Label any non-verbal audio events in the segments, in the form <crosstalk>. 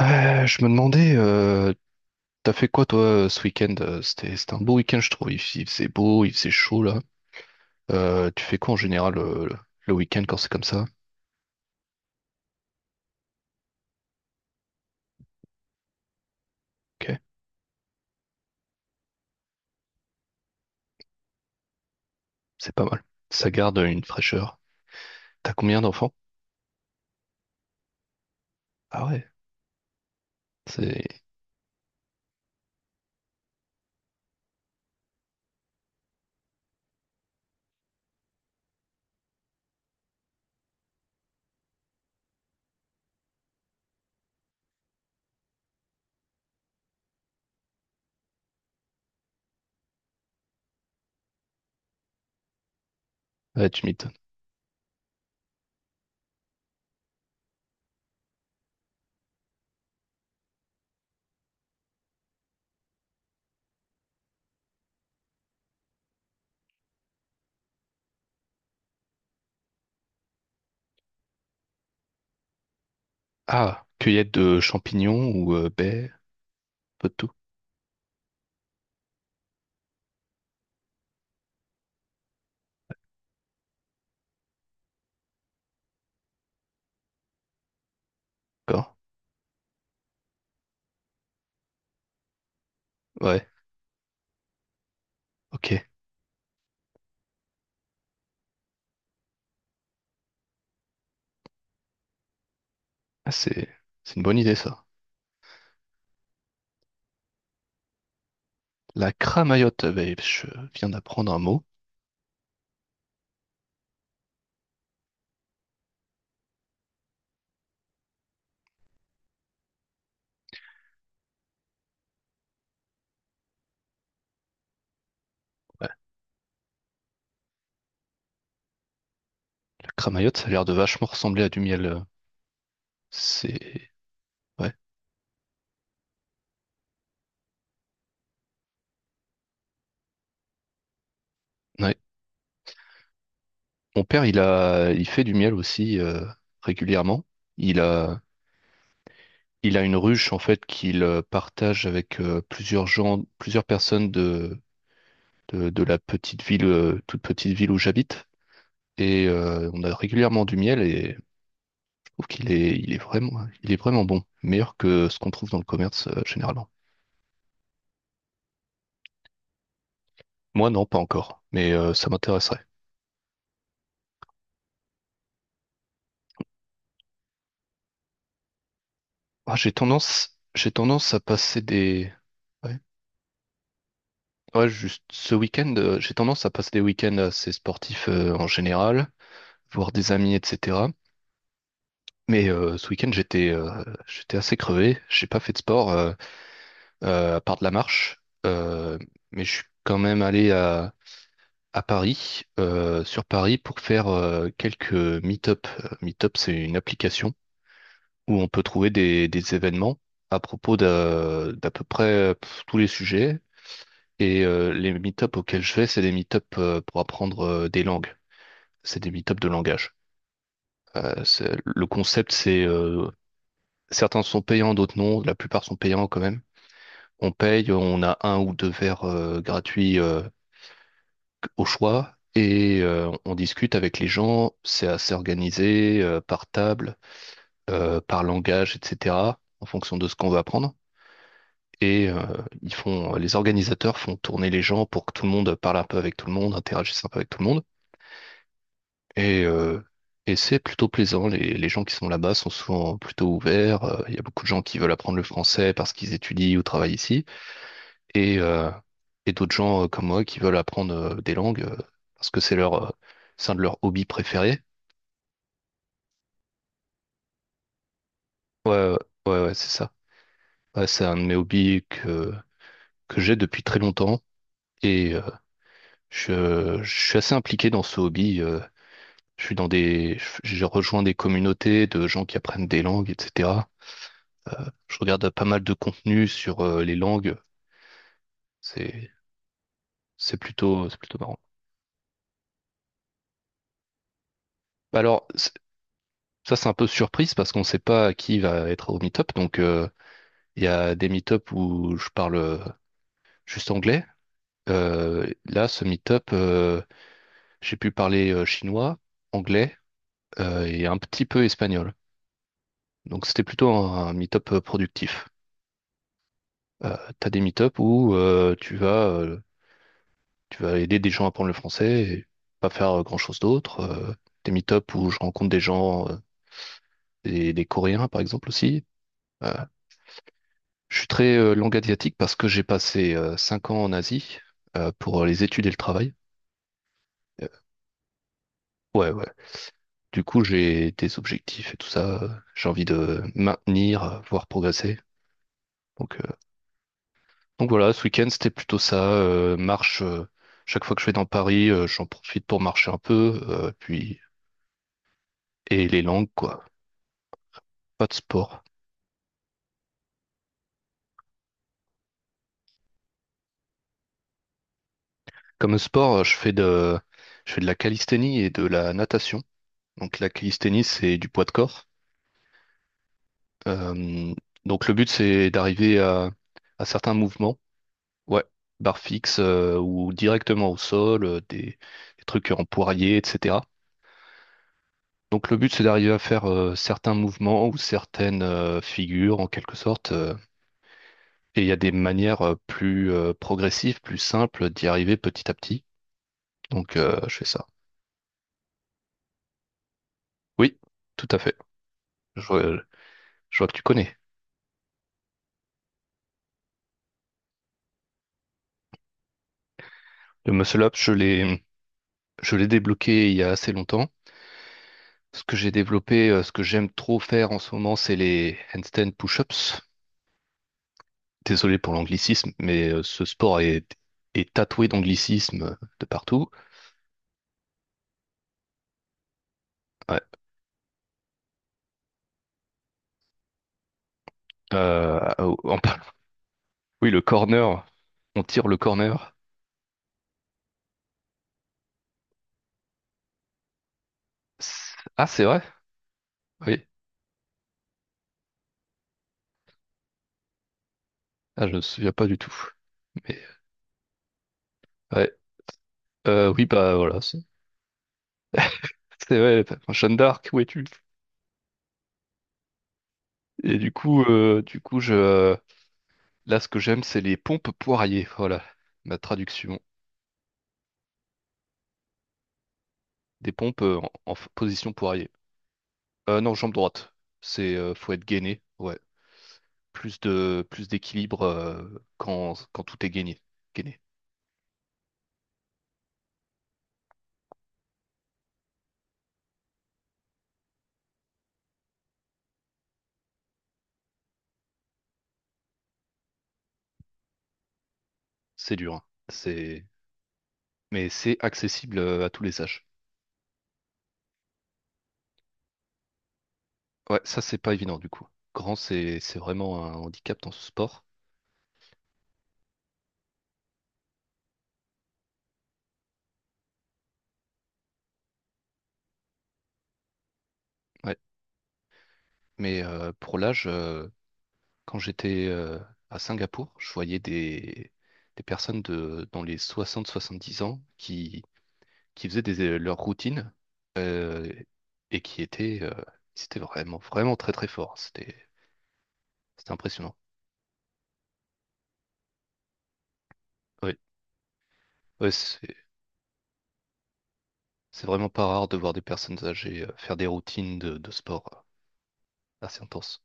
Je me demandais, t'as fait quoi toi ce week-end? C'était un beau week-end, je trouve. Il faisait beau, il faisait chaud là. Tu fais quoi en général le week-end quand c'est comme ça? Ok, c'est pas mal. Ça garde une fraîcheur. T'as combien d'enfants? Ah ouais, c'est. Ouais, tu m'étonnes. Ah, cueillette de champignons ou baies, peu de tout. D'accord? Ouais, ok. Ah, c'est une bonne idée ça. La cramayotte, ben, je viens d'apprendre un mot. Ouais, la cramayotte, ça a l'air de vachement ressembler à du miel. C'est. Ouais. Ouais. Mon père, il fait du miel aussi régulièrement. Il a, il a une ruche en fait qu'il partage avec plusieurs gens, plusieurs personnes de la petite ville, toute petite ville où j'habite. Et on a régulièrement du miel et je trouve qu'il est, il est vraiment bon, meilleur que ce qu'on trouve dans le commerce généralement. Moi, non, pas encore, mais ça m'intéresserait. Ah, j'ai tendance à passer des, Ouais, ouais, juste ce week-end, j'ai tendance à passer des week-ends assez sportifs en général, voir des amis, etc. Mais ce week-end, j'étais assez crevé. J'ai pas fait de sport à part de la marche, Euh, mais je suis quand même allé à Paris, sur Paris, pour faire quelques meet-up. Meetup, c'est une application où on peut trouver des événements à propos d'à peu près tous les sujets. Et les meet-up auxquels je vais, c'est des meet-up pour apprendre des langues. C'est des meet-ups de langage. Le concept, c'est certains sont payants, d'autres non. La plupart sont payants quand même. On paye, on a un ou deux verres gratuits au choix et on discute avec les gens. C'est assez organisé par table, par langage, etc. En fonction de ce qu'on veut apprendre. Et les organisateurs font tourner les gens pour que tout le monde parle un peu avec tout le monde, interagisse un peu avec tout le monde. Et, euh, et c'est plutôt plaisant. Les gens qui sont là-bas sont souvent plutôt ouverts. Il y a beaucoup de gens qui veulent apprendre le français parce qu'ils étudient ou travaillent ici. Et, euh, et d'autres gens comme moi qui veulent apprendre des langues parce que c'est un de leurs hobbies préférés. Ouais, ouais, ouais, ouais, c'est ça. Ouais, c'est un de mes hobbies que j'ai depuis très longtemps. Et je suis assez impliqué dans ce hobby. Je suis dans des, je- J'ai rejoint des communautés de gens qui apprennent des langues, etc. Je regarde pas mal de contenu sur les langues. C'est, c'est plutôt marrant. Bah, alors, ça, c'est un peu surprise parce qu'on ne sait pas qui va être au meet-up. Donc, il y a des meet-up où je parle juste anglais. Là, ce meet-up, j'ai pu parler chinois, anglais et un petit peu espagnol. Donc, c'était plutôt un meet-up productif. Euh, T'as des meet-up où tu vas tu vas aider des gens à apprendre le français et pas faire grand-chose d'autre. Des meet-up où je rencontre des gens, des Coréens par exemple aussi. Euh, je suis très langue asiatique parce que j'ai passé 5 ans en Asie pour les études et le travail. Euh, ouais, ouais. Du coup, j'ai des objectifs et tout ça. J'ai envie de maintenir, voire progresser. Donc, euh, donc voilà, ce week-end, c'était plutôt ça. Marche, chaque fois que je vais dans Paris, j'en profite pour marcher un peu. Puis, et les langues, quoi. Pas de sport. Comme sport, je fais de la calisthénie et de la natation. Donc la calisthénie, c'est du poids de corps. Euh, donc le but, c'est d'arriver à certains mouvements, ouais, barre fixe ou directement au sol, des trucs en poirier, etc. Donc le but, c'est d'arriver à faire certains mouvements ou certaines figures en quelque sorte. Et il y a des manières plus progressives, plus simples d'y arriver petit à petit. Donc je fais ça. Oui, tout à fait. Je vois, je vois que tu connais. Le muscle-up, je l'ai débloqué il y a assez longtemps. Ce que j'aime trop faire en ce moment, c'est les handstand push-ups. Désolé pour l'anglicisme, mais ce sport est tatoué d'anglicisme de partout. Ouais. Euh, en parlant- <laughs> Oui, le corner, on tire le corner. Ah, c'est vrai? Oui. Ah, je ne me souviens pas du tout. Mais ouais. Oui, bah voilà. C'est vrai. Enfin, Jeanne d'Arc, où es-tu? Et du coup, euh, du coup, je, Là, ce que j'aime, c'est les pompes poirier. Voilà, ma traduction. Des pompes en position poirier. Non, jambe droite. C'est Faut être gainé. Ouais. Plus d'équilibre quand tout est gainé. Gainé. C'est dur, hein. C'est Mais c'est accessible à tous les âges. Ouais, ça c'est pas évident du coup. Grand, c'est vraiment un handicap dans ce sport. Ouais. Mais pour l'âge, quand j'étais à Singapour, je voyais des personnes de dans les 60-70 ans qui faisaient leur routine euh, et qui étaient, c'était vraiment, vraiment très très fort. C'était impressionnant. Oui, ouais, c'est vraiment pas rare de voir des personnes âgées faire des routines de sport assez intenses.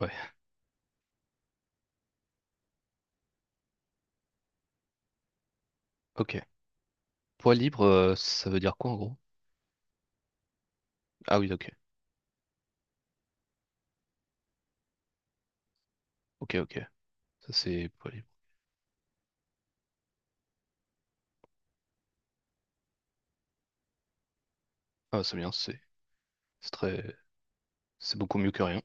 Ouais, ok. Poids libre, ça veut dire quoi en gros? Ah oui, ok, ok, ok. Ça c'est poids libre. Ah, c'est bien, c'est très, c'est beaucoup mieux que rien.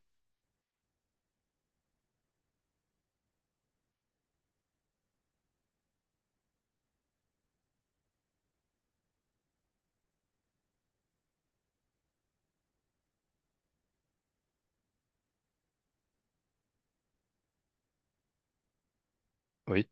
Oui.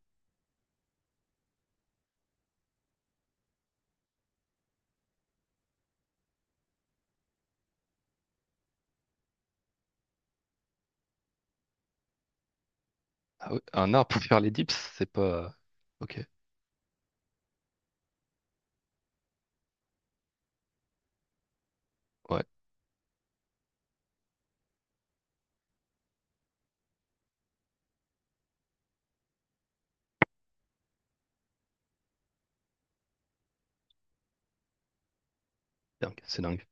Ah oui, un art pour faire les dips, c'est pas. Ok, ouais, dingue, c'est dingue.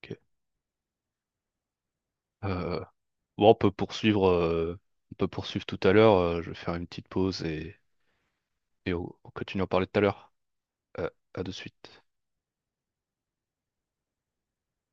Ok. Euh, Bon, on peut poursuivre tout à l'heure. Je vais faire une petite pause et on continue à en parler tout à l'heure. À de suite.